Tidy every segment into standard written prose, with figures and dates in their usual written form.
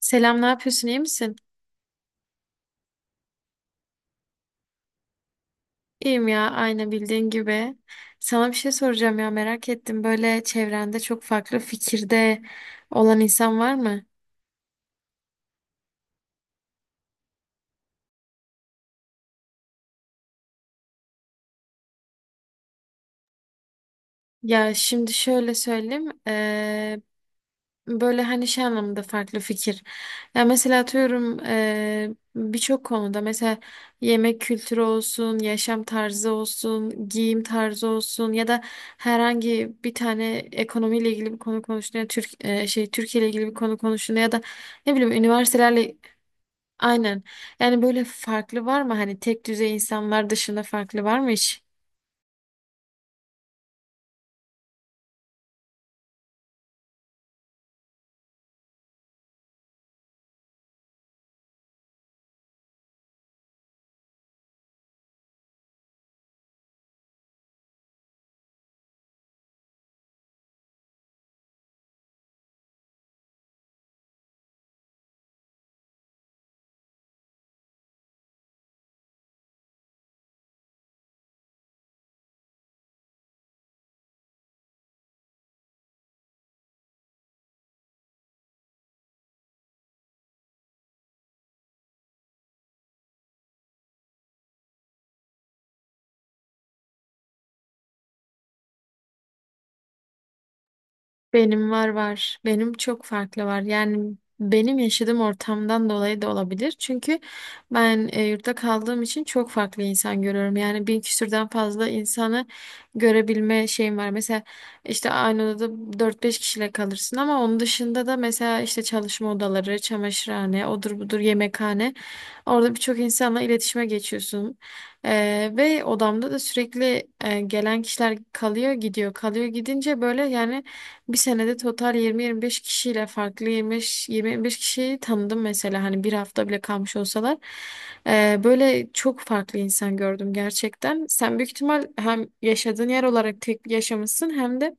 Selam, ne yapıyorsun? İyi misin? İyiyim ya, aynı bildiğin gibi. Sana bir şey soracağım ya, merak ettim. Böyle çevrende çok farklı fikirde olan insan var mı? Ya şimdi şöyle söyleyeyim. Böyle hani şey anlamında farklı fikir. Ya mesela atıyorum birçok konuda mesela yemek kültürü olsun, yaşam tarzı olsun, giyim tarzı olsun ya da herhangi bir tane ekonomiyle ilgili bir konu konuştuğunda Türkiye ile ilgili bir konu konuştuğunda ya da ne bileyim üniversitelerle aynen. Yani böyle farklı var mı hani tek düzey insanlar dışında farklı var mı hiç? Benim var var. Benim çok farklı var. Yani benim yaşadığım ortamdan dolayı da olabilir. Çünkü ben yurtta kaldığım için çok farklı insan görüyorum. Yani bin küsürden fazla insanı görebilme şeyim var. Mesela işte aynı odada dört beş kişiyle kalırsın ama onun dışında da mesela işte çalışma odaları, çamaşırhane, odur budur yemekhane. Orada birçok insanla iletişime geçiyorsun. Ve odamda da sürekli gelen kişiler kalıyor gidiyor. Kalıyor gidince böyle yani bir senede total 20-25 kişiyle farklı 25-25 kişiyi tanıdım mesela hani bir hafta bile kalmış olsalar. Böyle çok farklı insan gördüm gerçekten. Sen büyük ihtimal hem yaşadığın yer olarak tek yaşamışsın hem de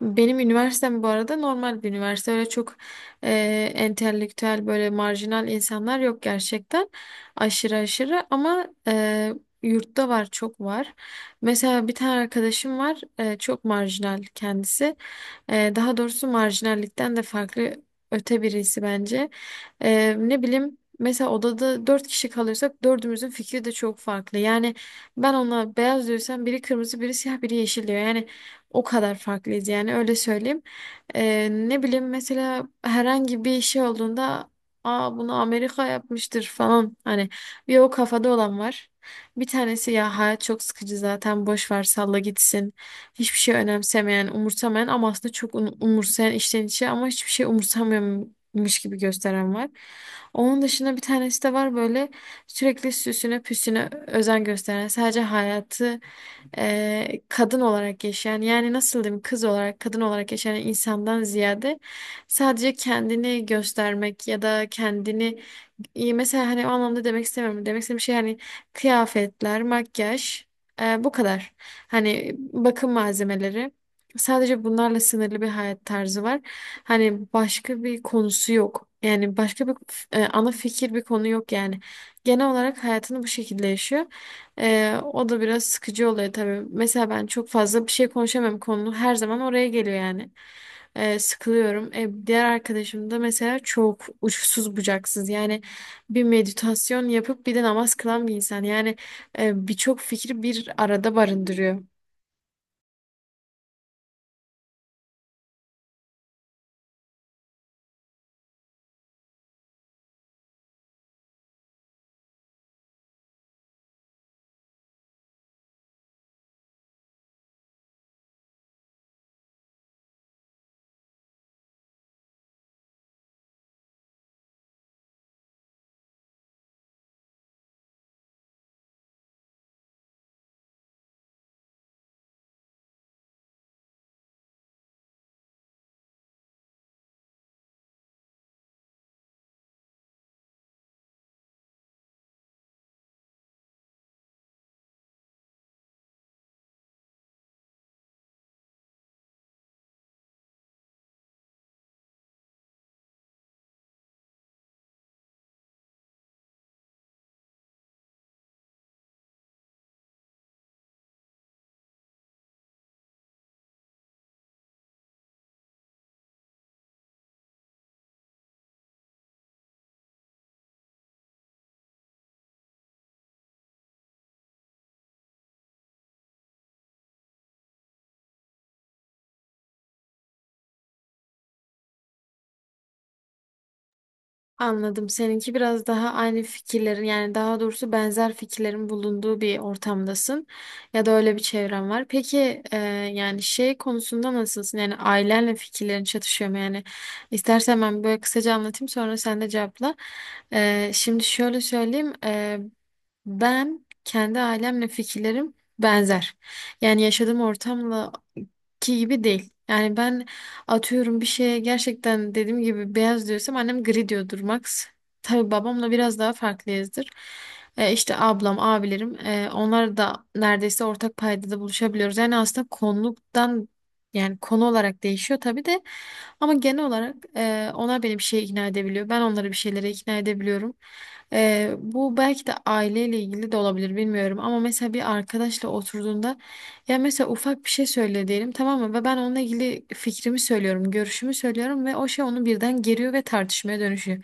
benim üniversitem bu arada normal bir üniversite. Öyle çok entelektüel böyle marjinal insanlar yok gerçekten. Aşırı aşırı ama yurtta var çok var. Mesela bir tane arkadaşım var çok marjinal kendisi. Daha doğrusu marjinallikten de farklı öte birisi bence. Ne bileyim, mesela odada dört kişi kalırsak dördümüzün fikri de çok farklı. Yani ben ona beyaz diyorsam biri kırmızı, biri siyah, biri yeşil diyor. Yani o kadar farklıyız yani öyle söyleyeyim. Ne bileyim mesela herhangi bir şey olduğunda, aa, bunu Amerika yapmıştır falan hani bir o kafada olan var. Bir tanesi ya hayat çok sıkıcı zaten boş ver salla gitsin. Hiçbir şey önemsemeyen, umursamayan ama aslında çok umursayan içten içe ama hiçbir şey umursamıyormuş gibi gösteren var. Onun dışında bir tanesi de var böyle sürekli süsüne püsüne özen gösteren, sadece hayatı kadın olarak yaşayan, yani nasıl diyeyim, kız olarak kadın olarak yaşayan insandan ziyade sadece kendini göstermek ya da kendini. İyi, mesela hani o anlamda demek istemiyorum. Demek istediğim şey hani kıyafetler, makyaj, bu kadar. Hani bakım malzemeleri. Sadece bunlarla sınırlı bir hayat tarzı var. Hani başka bir konusu yok. Yani başka bir ana fikir bir konu yok yani. Genel olarak hayatını bu şekilde yaşıyor. O da biraz sıkıcı oluyor tabii. Mesela ben çok fazla bir şey konuşamam, konu her zaman oraya geliyor yani. Sıkılıyorum. Diğer arkadaşım da mesela çok uçsuz bucaksız. Yani bir meditasyon yapıp bir de namaz kılan bir insan. Yani birçok fikri bir arada barındırıyor. Anladım. Seninki biraz daha aynı fikirlerin, yani daha doğrusu benzer fikirlerin bulunduğu bir ortamdasın ya da öyle bir çevren var. Peki yani şey konusunda nasılsın? Yani ailenle fikirlerin çatışıyor mu? Yani istersen ben böyle kısaca anlatayım sonra sen de cevapla. Şimdi şöyle söyleyeyim. Ben kendi ailemle fikirlerim benzer. Yani yaşadığım ortamla ki gibi değil. Yani ben atıyorum bir şeye gerçekten dediğim gibi beyaz diyorsam annem gri diyordur max. Tabii babamla biraz daha farklıyızdır. İşte ablam, abilerim, onlar da neredeyse ortak paydada buluşabiliyoruz. Yani aslında konuluktan, yani konu olarak değişiyor tabii de ama genel olarak onlar beni bir şeye ikna edebiliyor. Ben onları bir şeylere ikna edebiliyorum. Bu belki de aileyle ilgili de olabilir bilmiyorum ama mesela bir arkadaşla oturduğunda, ya mesela ufak bir şey söyle diyelim tamam mı, ve ben onunla ilgili fikrimi söylüyorum, görüşümü söylüyorum ve o şey onu birden geriyor ve tartışmaya dönüşüyor.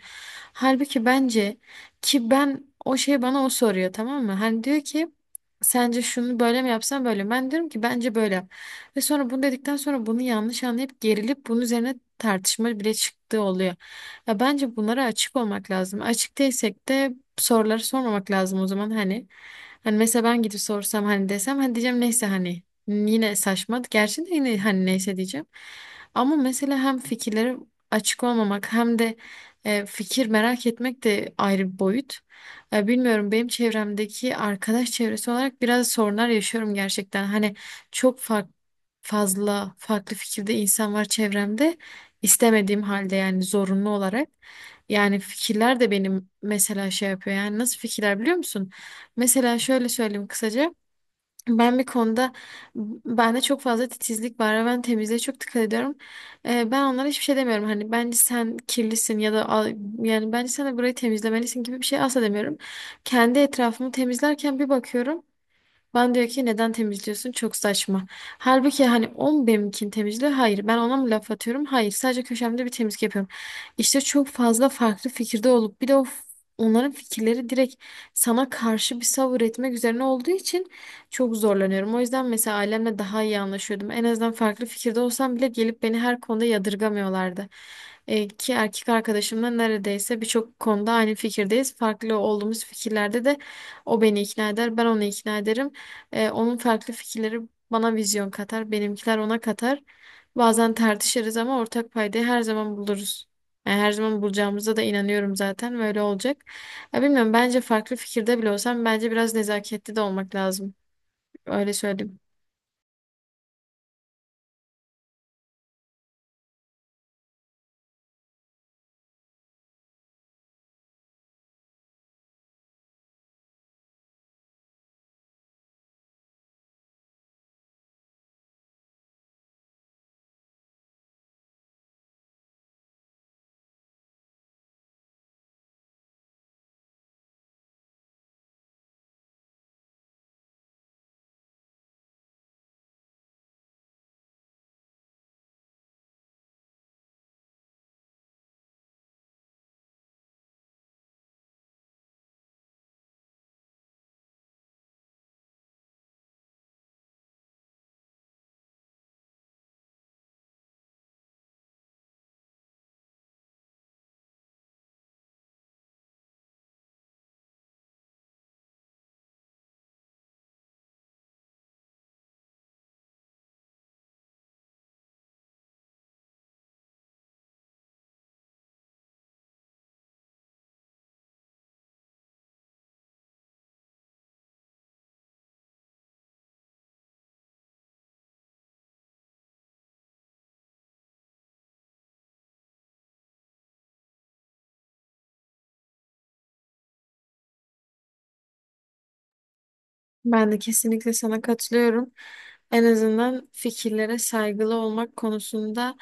Halbuki bence, ki ben o şey, bana o soruyor tamam mı? Hani diyor ki sence şunu böyle mi yapsam böyle mi? Ben diyorum ki bence böyle yap. Ve sonra bunu dedikten sonra bunu yanlış anlayıp gerilip bunun üzerine tartışma bile çıktığı oluyor. Ya bence bunlara açık olmak lazım. Açık değilsek de soruları sormamak lazım o zaman hani. Hani mesela ben gidip sorsam, hani desem, hani diyeceğim neyse, hani yine saçma. Gerçi de yine hani neyse diyeceğim. Ama mesela hem fikirleri açık olmamak hem de fikir merak etmek de ayrı bir boyut. Bilmiyorum, benim çevremdeki arkadaş çevresi olarak biraz sorunlar yaşıyorum gerçekten. Hani çok farklı, fazla farklı fikirde insan var çevremde istemediğim halde, yani zorunlu olarak. Yani fikirler de benim mesela şey yapıyor. Yani nasıl fikirler biliyor musun? Mesela şöyle söyleyeyim kısaca. Ben bir konuda, bende çok fazla titizlik var ve ben temizliğe çok dikkat ediyorum. Ben onlara hiçbir şey demiyorum. Hani bence sen kirlisin ya da yani bence sen de burayı temizlemelisin gibi bir şey asla demiyorum. Kendi etrafımı temizlerken bir bakıyorum. Ben diyor ki neden temizliyorsun? Çok saçma. Halbuki hani o mu benimkini temizliyor? Hayır. Ben ona mı laf atıyorum? Hayır. Sadece köşemde bir temizlik yapıyorum. İşte çok fazla farklı fikirde olup bir de onların fikirleri direkt sana karşı bir savır etmek üzerine olduğu için çok zorlanıyorum. O yüzden mesela ailemle daha iyi anlaşıyordum. En azından farklı fikirde olsam bile gelip beni her konuda yadırgamıyorlardı. Ki erkek arkadaşımla neredeyse birçok konuda aynı fikirdeyiz. Farklı olduğumuz fikirlerde de o beni ikna eder, ben onu ikna ederim. Onun farklı fikirleri bana vizyon katar, benimkiler ona katar. Bazen tartışırız ama ortak paydayı her zaman buluruz. Yani her zaman bulacağımıza da inanıyorum zaten ve öyle olacak. Ya bilmiyorum, bence farklı fikirde bile olsam bence biraz nezaketli de olmak lazım. Öyle söyleyeyim. Ben de kesinlikle sana katılıyorum. En azından fikirlere saygılı olmak konusunda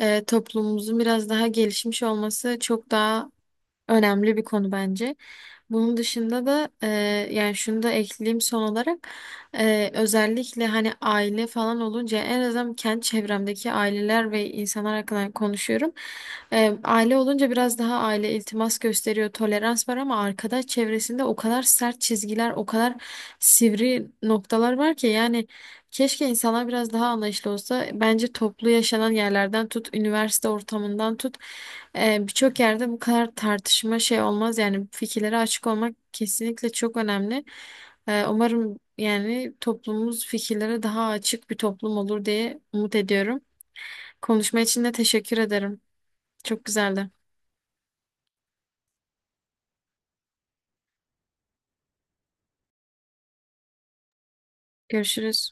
toplumumuzun biraz daha gelişmiş olması çok daha önemli bir konu bence. Bunun dışında da yani şunu da ekleyeyim son olarak. Özellikle hani aile falan olunca en azından kendi çevremdeki aileler ve insanlar hakkında konuşuyorum. Aile olunca biraz daha aile iltimas gösteriyor, tolerans var ama arkadaş çevresinde o kadar sert çizgiler, o kadar sivri noktalar var ki yani. Keşke insanlar biraz daha anlayışlı olsa. Bence toplu yaşanan yerlerden tut, üniversite ortamından tut, birçok yerde bu kadar tartışma şey olmaz. Yani fikirlere açık olmak kesinlikle çok önemli. Umarım yani toplumumuz fikirlere daha açık bir toplum olur diye umut ediyorum. Konuşma için de teşekkür ederim. Çok güzeldi. Görüşürüz.